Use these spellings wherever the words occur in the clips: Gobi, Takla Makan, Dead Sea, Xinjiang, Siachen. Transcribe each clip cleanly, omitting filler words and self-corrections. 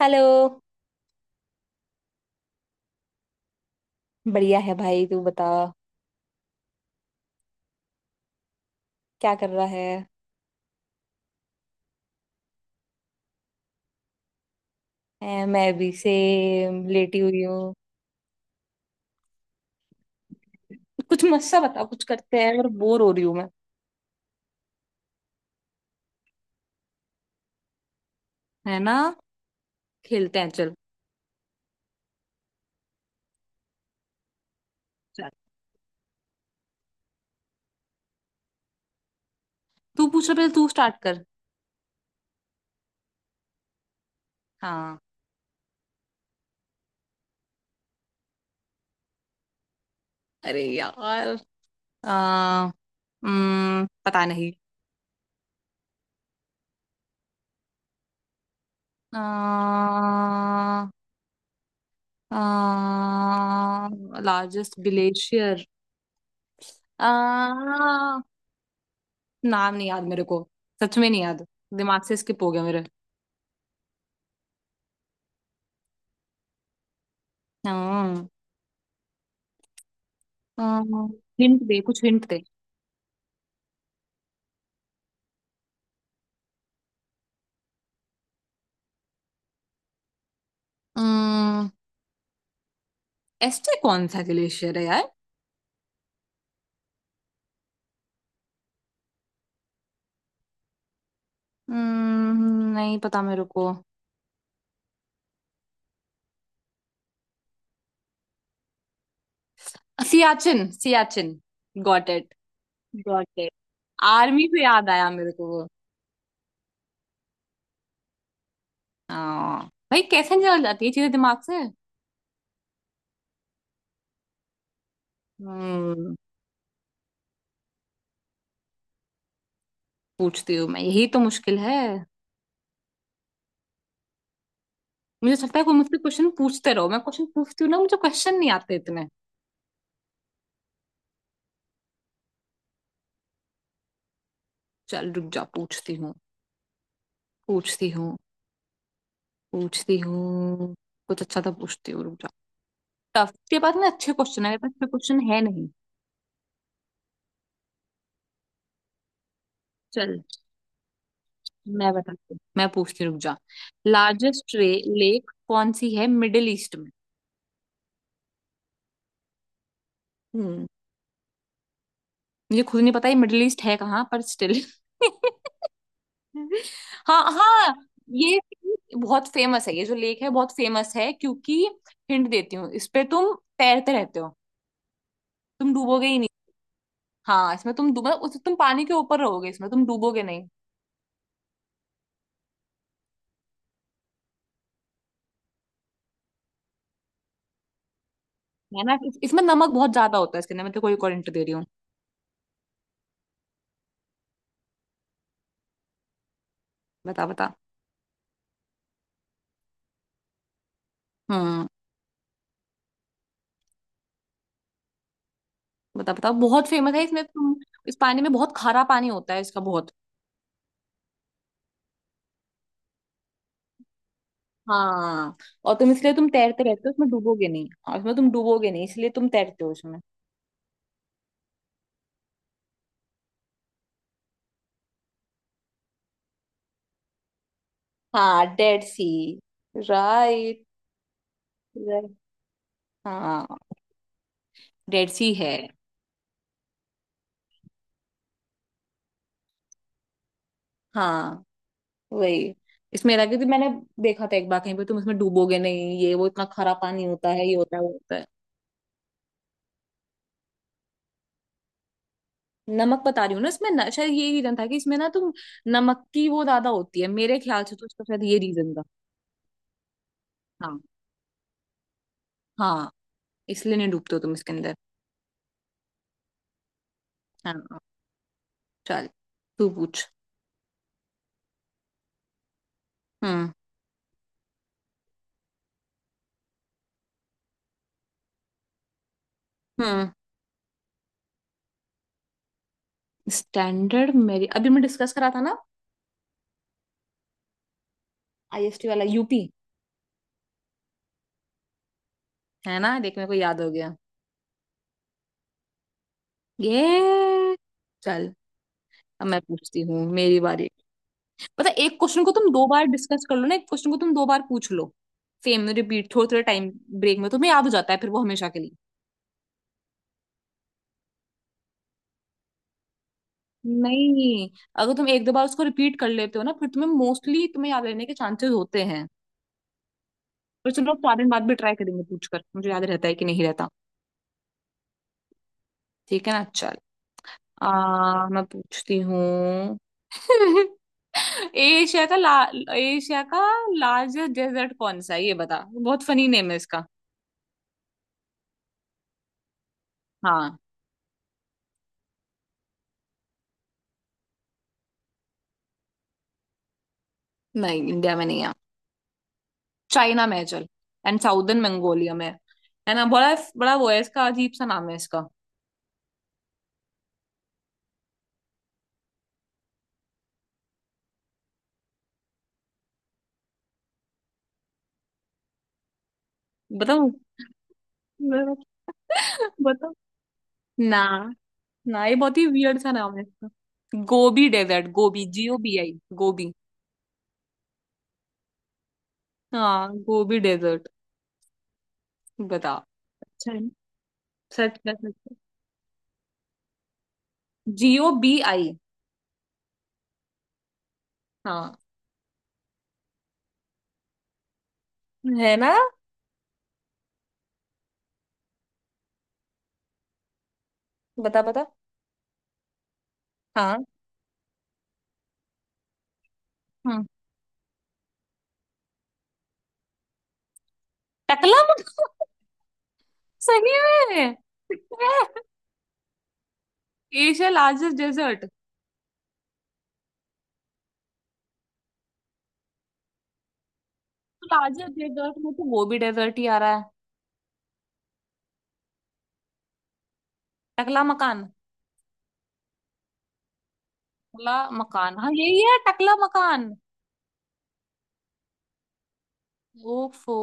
Hello. बढ़िया है भाई, तू बता। क्या कर रहा है? मैं अभी से लेटी हुई हूँ। कुछ मस्त सा बता, कुछ करते हैं, और बोर हो रही हूँ मैं। है ना? खेलते हैं चल। चल। तू पूछ रहा, पहले तू स्टार्ट कर। हाँ। अरे यार, आ, पता नहीं। Largest glacier. आ, नाम नहीं याद मेरे को। सच में नहीं याद। दिमाग से स्किप हो गया मेरे। हाँ। हिंट दे, कुछ हिंट दे। अम्म। एस्टे कौन सा ग्लेशियर है यार? नहीं पता मेरे को। Siachen Siachen. Got it, got it. Army पे याद आया मेरे को वो। हाँ भाई, कैसे निकल जाती है चीजें दिमाग से। हम्म। पूछती हूँ मैं, यही तो मुश्किल है। मुझे लगता है कोई मुझसे क्वेश्चन पूछते रहो, मैं क्वेश्चन पूछती हूँ ना, मुझे क्वेश्चन नहीं आते इतने। चल रुक जा, पूछती हूँ। पूछती हूँ। पूछती हूँ। कुछ अच्छा तो पूछती हूँ, रुक जा। टफ उसके पास ना, अच्छे क्वेश्चन है, अच्छे क्वेश्चन है नहीं। चल, मैं बताती हूँ, मैं पूछती, रुक जा। लार्जेस्ट लेक कौन सी है मिडिल ईस्ट में? हम्म। मुझे खुद नहीं पता ये मिडिल ईस्ट है कहाँ पर स्टिल। हाँ हाँ। ये बहुत फेमस है, ये जो लेक है बहुत फेमस है क्योंकि हिंट देती हूँ इस पे, तुम तैरते रहते हो। तुम डूबोगे ही नहीं। हाँ, इसमें तुम डूबो, उस तुम पानी के ऊपर रहोगे, इसमें तुम डूबोगे नहीं। है ना? इसमें नमक बहुत ज्यादा होता है इसके अंदर, मैं तेरे को एक और हिंट दे रही हूँ। बता बता। हम्म। बता बता, बहुत फेमस है इसमें तुम। इस पानी में बहुत खारा पानी होता है, इसका बहुत। हाँ, और तुम इसलिए तुम तैरते रहते हो उसमें डूबोगे नहीं, और उसमें तुम डूबोगे नहीं इसलिए तुम तैरते हो उसमें। हाँ, डेड सी। राइट। राइट। हाँ, डेड सी है। हाँ, वही। इसमें था क्योंकि मैंने देखा था एक बार कहीं पे, तुम इसमें डूबोगे नहीं, ये वो इतना खारा पानी होता है, ये होता है वो होता है। नमक बता रही हूँ ना, इसमें न, शायद ये रीजन था कि इसमें ना तुम नमक की वो ज्यादा होती है मेरे ख्याल से, तो इसका शायद ये रीजन था। हाँ। हाँ। इसलिए नहीं डूबते हो तुम इसके अंदर। हाँ। चल तू पूछ। हम्म। हम्म। स्टैंडर्ड मेरी अभी मैं डिस्कस करा था ना। आईएसटी वाला यूपी। है ना, देख मेरे को याद हो गया ये। चल। अब मैं पूछती हूँ, मेरी बारी। पता है, एक क्वेश्चन को तुम दो बार डिस्कस कर लो ना, एक क्वेश्चन को तुम दो बार पूछ लो। सेम रिपीट, थोड़े थोड़े टाइम ब्रेक में तुम्हें याद हो जाता है फिर वो हमेशा के लिए। नहीं, अगर तुम एक दो बार उसको रिपीट कर लेते हो ना, फिर तुम्हें मोस्टली तुम्हें याद रहने के चांसेस होते हैं। तो चलो स्वाधीन बाद भी ट्राई करेंगे पूछकर, मुझे याद रहता है कि नहीं रहता। ठीक है ना चल। मैं पूछती हूँ। एशिया का ला, एशिया का लार्जेस्ट डेजर्ट कौन सा है, ये बता। बहुत फनी नेम है इसका। हाँ। नहीं, इंडिया में नहीं है। चाइना में है चल, एंड साउदर्न मंगोलिया में है। है ना? बड़ा बड़ा वो है इसका, अजीब सा नाम है इसका। बताऊँ? बताओ। ना ना, ये बहुत ही वियर्ड सा नाम है इसका। Gobi desert. गोबी, Gobi, गोबी। हाँ, गोबी डेजर्ट। बता। अच्छा है, सर्च कर सकते। Gobi। हाँ। है ना? बता बता। हाँ। हम्म। टकला। सही में। Asia largest desert. Largest desert में तो वो भी डेजर्ट ही आ रहा है। टकला मकान। टकला मकान, हाँ यही है टकला मकान। ओफो।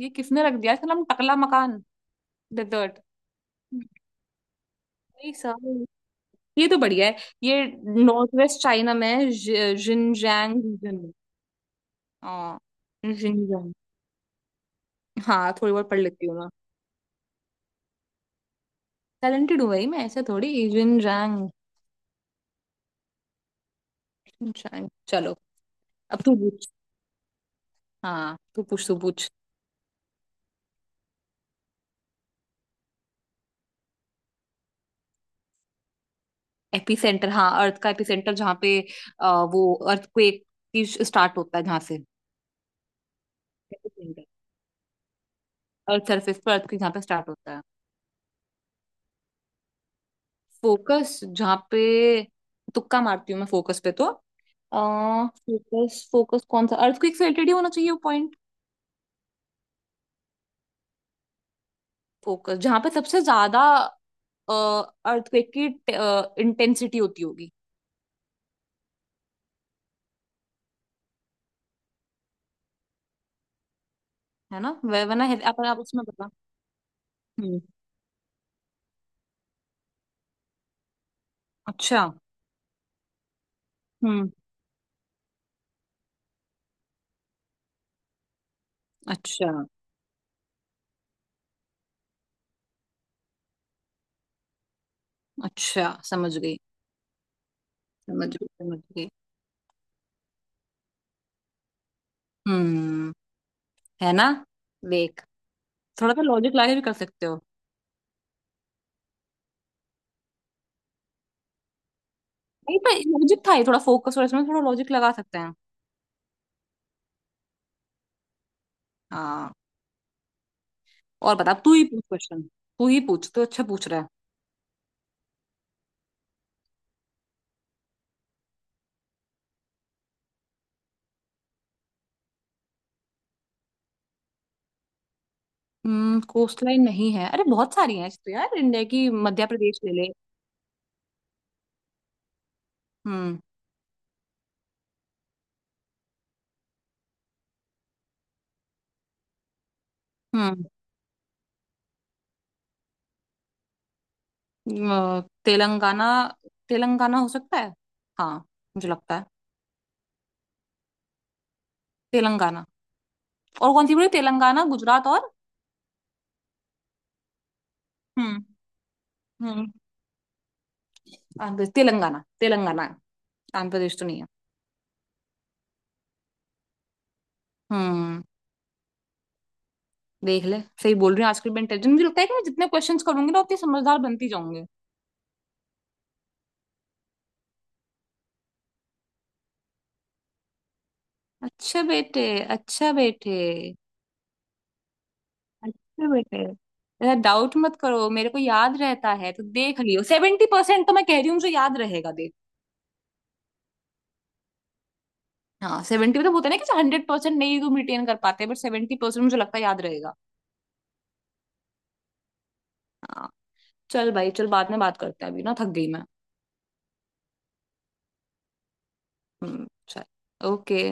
ये किसने रख दिया इसका नाम टकला मकान डेजर्ट? ये तो बढ़िया है। ये नॉर्थ वेस्ट चाइना में है, जिनजियांग रीजन में। हाँ, जिनजियांग। हाँ, थोड़ी बहुत पढ़ लेती हूँ मैं। टैलेंटेड हूँ भाई मैं, ऐसे थोड़ी। जिनजियांग, जिनजियांग, चलो। अब तू पूछ। हाँ तू पूछ, तू पूछ। एपिसेंटर, हाँ, अर्थ का एपिसेंटर, जहाँ पे वो अर्थक्वेक की स्टार्ट होता है जहाँ से। एपिसेंटर, अर्थ सरफेस पर अर्थक्वेक जहाँ पे स्टार्ट होता है। फोकस जहाँ पे, तुक्का मारती हूँ मैं फोकस पे तो फोकस, फोकस कौन सा अर्थक्वेक से रिलेटेड ही होना चाहिए वो पॉइंट। फोकस जहाँ पे सबसे ज्यादा अर्थक्वेक की इंटेंसिटी होती होगी। है ना? वह वरना आप उसमें बता। हम्म। अच्छा। हम्म। अच्छा अच्छा। समझ गई, समझ गई, समझ गई। हम्म। है ना? देख। थोड़ा सा लॉजिक लगा के भी कर सकते हो। नहीं पर लॉजिक था ये थोड़ा, फोकस और इसमें थोड़ा लॉजिक लगा सकते हैं। हाँ। और बता, तू ही पूछ क्वेश्चन। तू ही पूछ, तू अच्छा पूछ रहा है। हम्म। कोस्ट लाइन नहीं है, अरे बहुत सारी हैं तो यार इंडिया की, मध्य प्रदेश ले ले। हम्म। हम्म। तेलंगाना, तेलंगाना हो सकता है। हाँ। मुझे लगता है तेलंगाना। और कौन सी बोली? तेलंगाना, गुजरात, और? हम्म। हम्म। आंध्र प्रदेश, तेलंगाना, तेलंगाना है। आंध्र प्रदेश तो नहीं है। हम्म। देख ले, सही बोल रही हूँ, आजकल मैं इंटेलिजेंट, मुझे लगता है कि मैं जितने क्वेश्चंस करूंगी ना उतनी समझदार बनती जाऊंगी। अच्छा बेटे। अच्छा बेटे। अच्छा बेटे, ऐसा डाउट मत करो, मेरे को याद रहता है तो देख लियो, 70% तो मैं कह रही हूँ मुझे याद रहेगा, देख। हाँ, सेवेंटी तो बोलते हैं ना कि 100% नहीं तुम रिटेन कर पाते, बट 70% मुझे लगता है याद रहेगा। हाँ। चल भाई चल, बाद में बात करते हैं, अभी ना थक गई मैं। हम्म। चल। ओके।